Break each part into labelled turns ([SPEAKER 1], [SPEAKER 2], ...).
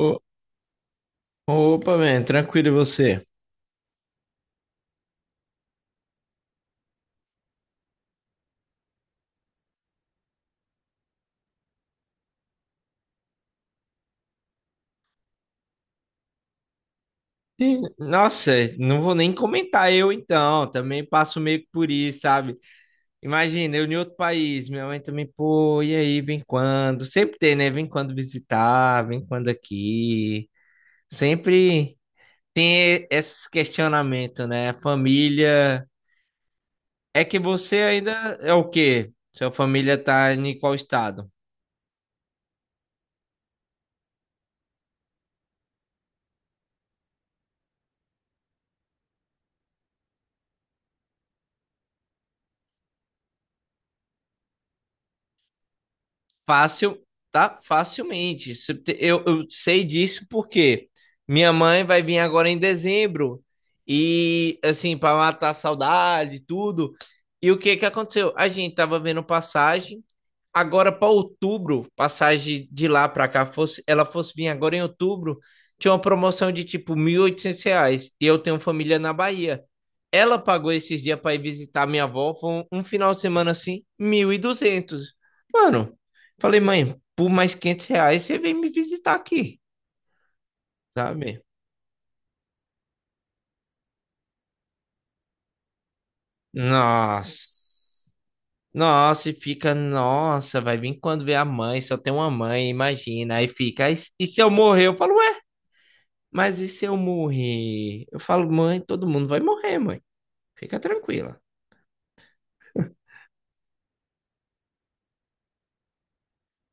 [SPEAKER 1] O- Opa, man, tranquilo e você? Ih, nossa, não vou nem comentar eu então, também passo meio que por isso, sabe? Imagina, eu em outro país, minha mãe também, pô, e aí, vem quando? Sempre tem, né? Vem quando visitar, vem quando aqui. Sempre tem esses questionamentos, né? A família. É que você ainda é o quê? Sua família tá em qual estado? Fácil, tá? Facilmente. Se te- Eu sei disso porque minha mãe vai vir agora em dezembro e, assim, para matar a saudade e tudo. E o que que aconteceu? A gente tava vendo passagem agora para outubro, passagem de lá para cá, fosse, ela fosse vir agora em outubro, tinha uma promoção de tipo R$ 1.800. E eu tenho família na Bahia. Ela pagou esses dias para ir visitar minha avó, foi um final de semana assim, 1.200. Mano, falei, mãe, por mais R$ 500 você vem me visitar aqui, sabe? Nossa. Nossa, e fica, nossa, vai vir quando vê a mãe, só tem uma mãe, imagina. Aí fica, aí, e se eu morrer? Eu falo, mas e se eu morrer? Eu falo, mãe, todo mundo vai morrer, mãe. Fica tranquila.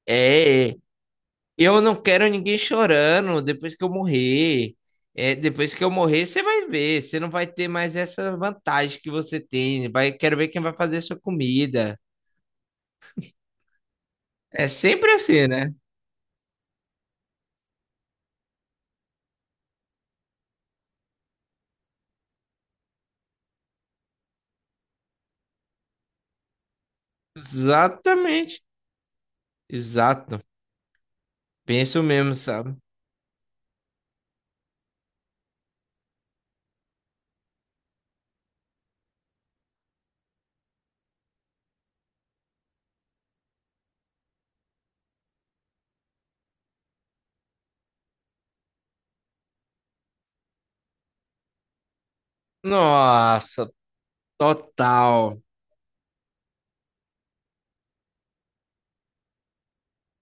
[SPEAKER 1] É, é, eu não quero ninguém chorando depois que eu morrer. É, depois que eu morrer, você vai ver. Você não vai ter mais essa vantagem que você tem. Vai, quero ver quem vai fazer sua comida. É sempre assim, né? Exatamente. Exato. Penso mesmo, sabe? Nossa, total.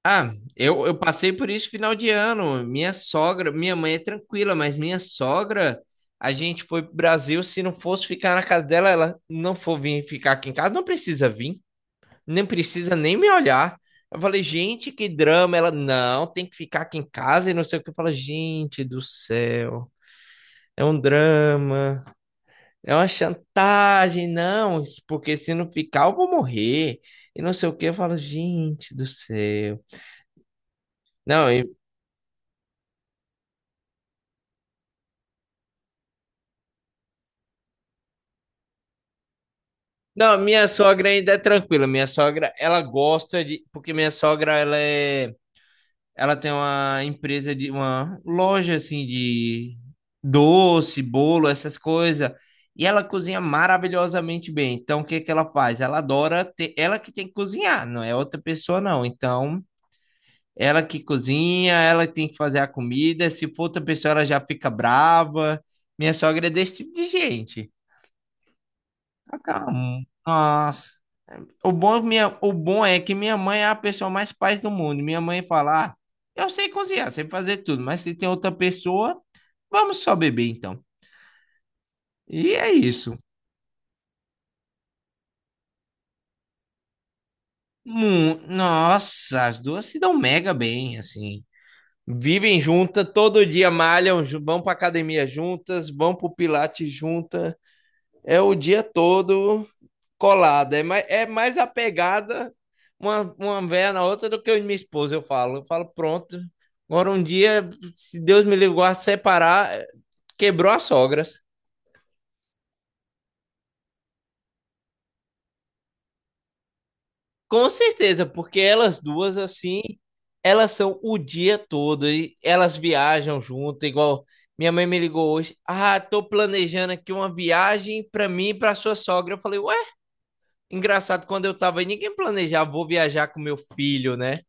[SPEAKER 1] Ah, eu passei por isso final de ano. Minha sogra, minha mãe é tranquila, mas minha sogra, a gente foi pro Brasil. Se não fosse ficar na casa dela, ela não for vir ficar aqui em casa, não precisa vir, nem precisa nem me olhar. Eu falei, gente, que drama. Ela, não, tem que ficar aqui em casa e não sei o que. Eu falei, gente do céu, é um drama, é uma chantagem, não, isso porque se não ficar, eu vou morrer. E não sei o que. Eu falo, gente do céu. Não, não, minha sogra ainda é tranquila. Minha sogra, ela gosta de, porque minha sogra ela é, ela tem uma empresa de uma loja assim de doce, bolo, essas coisas. E ela cozinha maravilhosamente bem. Então, o que que ela faz? Ela adora ter, ela que tem que cozinhar, não é outra pessoa não. Então, ela que cozinha, ela tem que fazer a comida. Se for outra pessoa, ela já fica brava. Minha sogra é desse tipo de gente. Tá calmo. Nossa. O bom, é minha, o bom é que minha mãe é a pessoa mais paz do mundo. Minha mãe fala: ah, eu sei cozinhar, sei fazer tudo, mas se tem outra pessoa, vamos só beber então. E é isso. Nossa, as duas se dão mega bem, assim. Vivem juntas, todo dia malham, vão pra academia juntas, vão pro Pilates juntas. É o dia todo colada. É mais apegada uma véia na outra do que eu e minha esposa, eu falo. Eu falo, pronto. Agora um dia, se Deus me livrar, separar, quebrou as sogras. Com certeza, porque elas duas, assim, elas são o dia todo e elas viajam junto, igual minha mãe me ligou hoje. Ah, tô planejando aqui uma viagem pra mim e pra sua sogra. Eu falei, ué, engraçado, quando eu tava aí, ninguém planejava, vou viajar com meu filho, né?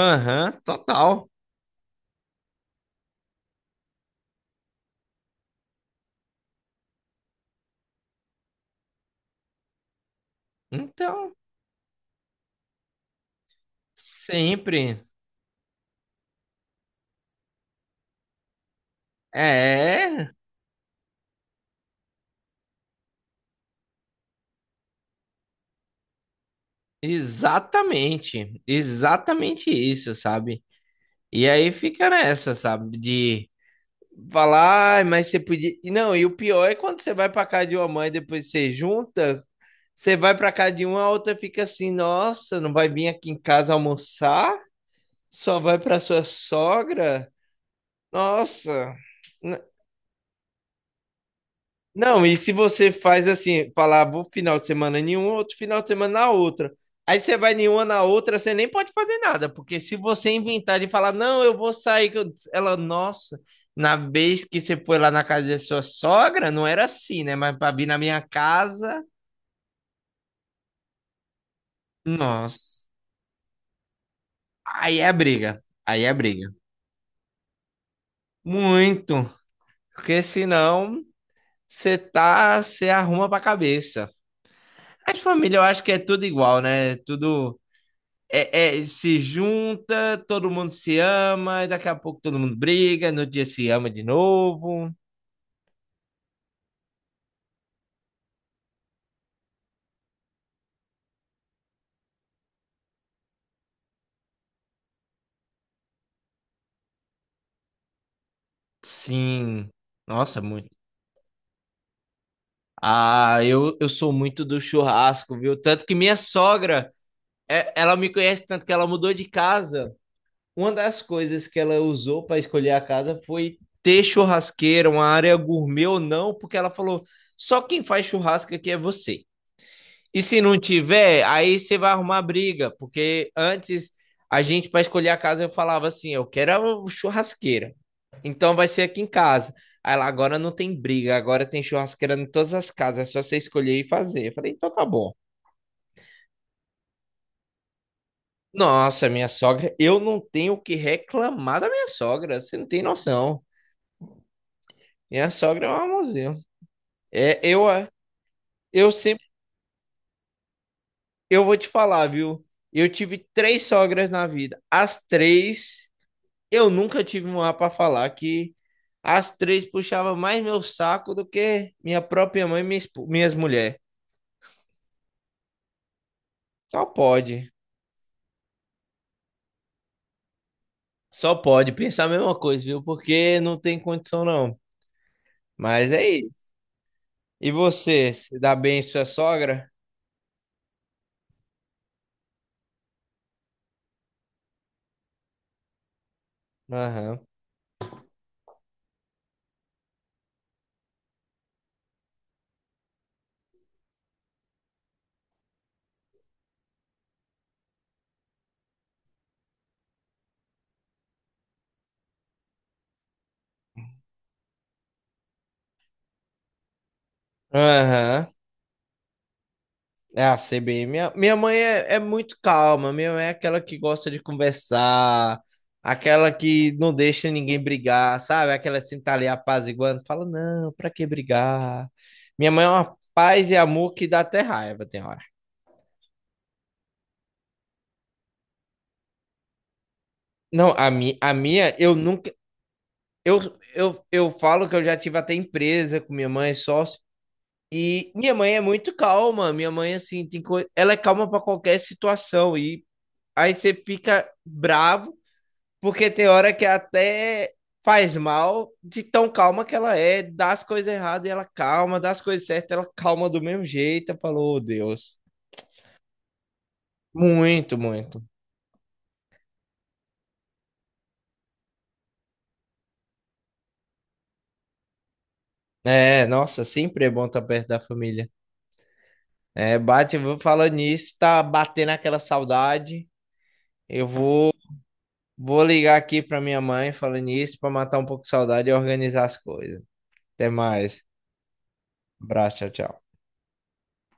[SPEAKER 1] Aham, total. Então, sempre. É, exatamente. Exatamente isso, sabe? E aí fica nessa, sabe? De falar, "Ai, mas você podia. E não, e o pior é quando você vai pra casa de uma mãe depois você junta, você vai pra casa de uma, a outra fica assim, nossa, não vai vir aqui em casa almoçar? Só vai pra sua sogra? Nossa. Não, e se você faz assim, falar, vou final de semana em um, outro final de semana na outra. Aí você vai em uma na outra, você nem pode fazer nada, porque se você inventar de falar, não, eu vou sair, ela, nossa, na vez que você foi lá na casa da sua sogra, não era assim, né? Mas para vir na minha casa, nossa, aí é briga, aí é briga. Muito, porque senão você tá, você arruma pra cabeça. As famílias, eu acho que é tudo igual, né? É tudo. É, é, se junta, todo mundo se ama, e daqui a pouco todo mundo briga, no dia se ama de novo. Sim, nossa, muito. Ah, eu sou muito do churrasco, viu? Tanto que minha sogra, ela me conhece tanto que ela mudou de casa. Uma das coisas que ela usou para escolher a casa foi ter churrasqueira, uma área gourmet ou não, porque ela falou: só quem faz churrasco aqui é você. E se não tiver, aí você vai arrumar briga, porque antes a gente, para escolher a casa, eu falava assim: eu quero a churrasqueira, então vai ser aqui em casa. Aí lá agora não tem briga, agora tem churrasqueira em todas as casas, é só você escolher e fazer. Eu falei: então tá bom. Nossa, minha sogra, eu não tenho o que reclamar da minha sogra, você não tem noção. Minha sogra é um amorzinho. É, eu sempre, eu vou te falar, viu? Eu tive três sogras na vida, as três eu nunca tive uma para falar que as três puxavam mais meu saco do que minha própria mãe e minha minhas mulheres. Só pode. Só pode pensar a mesma coisa, viu? Porque não tem condição, não. Mas é isso. E você, se dá bem em sua sogra? Aham. Aham. É a CBN. Minha mãe é, muito calma. Minha mãe é aquela que gosta de conversar, aquela que não deixa ninguém brigar, sabe? Aquela que sempre tá ali apaziguando, fala, não, pra que brigar? Minha mãe é uma paz e amor que dá até raiva, tem hora. Não, a, a minha, eu nunca. Eu, eu falo que eu já tive até empresa com minha mãe, sócio. E minha mãe é muito calma. Minha mãe, assim, tem coisa. Ela é calma pra qualquer situação. E aí você fica bravo, porque tem hora que até faz mal de tão calma que ela é, dá as coisas erradas e ela calma, dá as coisas certas, ela calma do mesmo jeito. Eu falo, oh, Deus. Muito, muito. É, nossa, sempre é bom estar perto da família. É, bate, vou falando nisso, tá batendo aquela saudade. Eu vou ligar aqui pra minha mãe falando nisso, pra matar um pouco de saudade e organizar as coisas. Até mais. Abraço, tchau, tchau.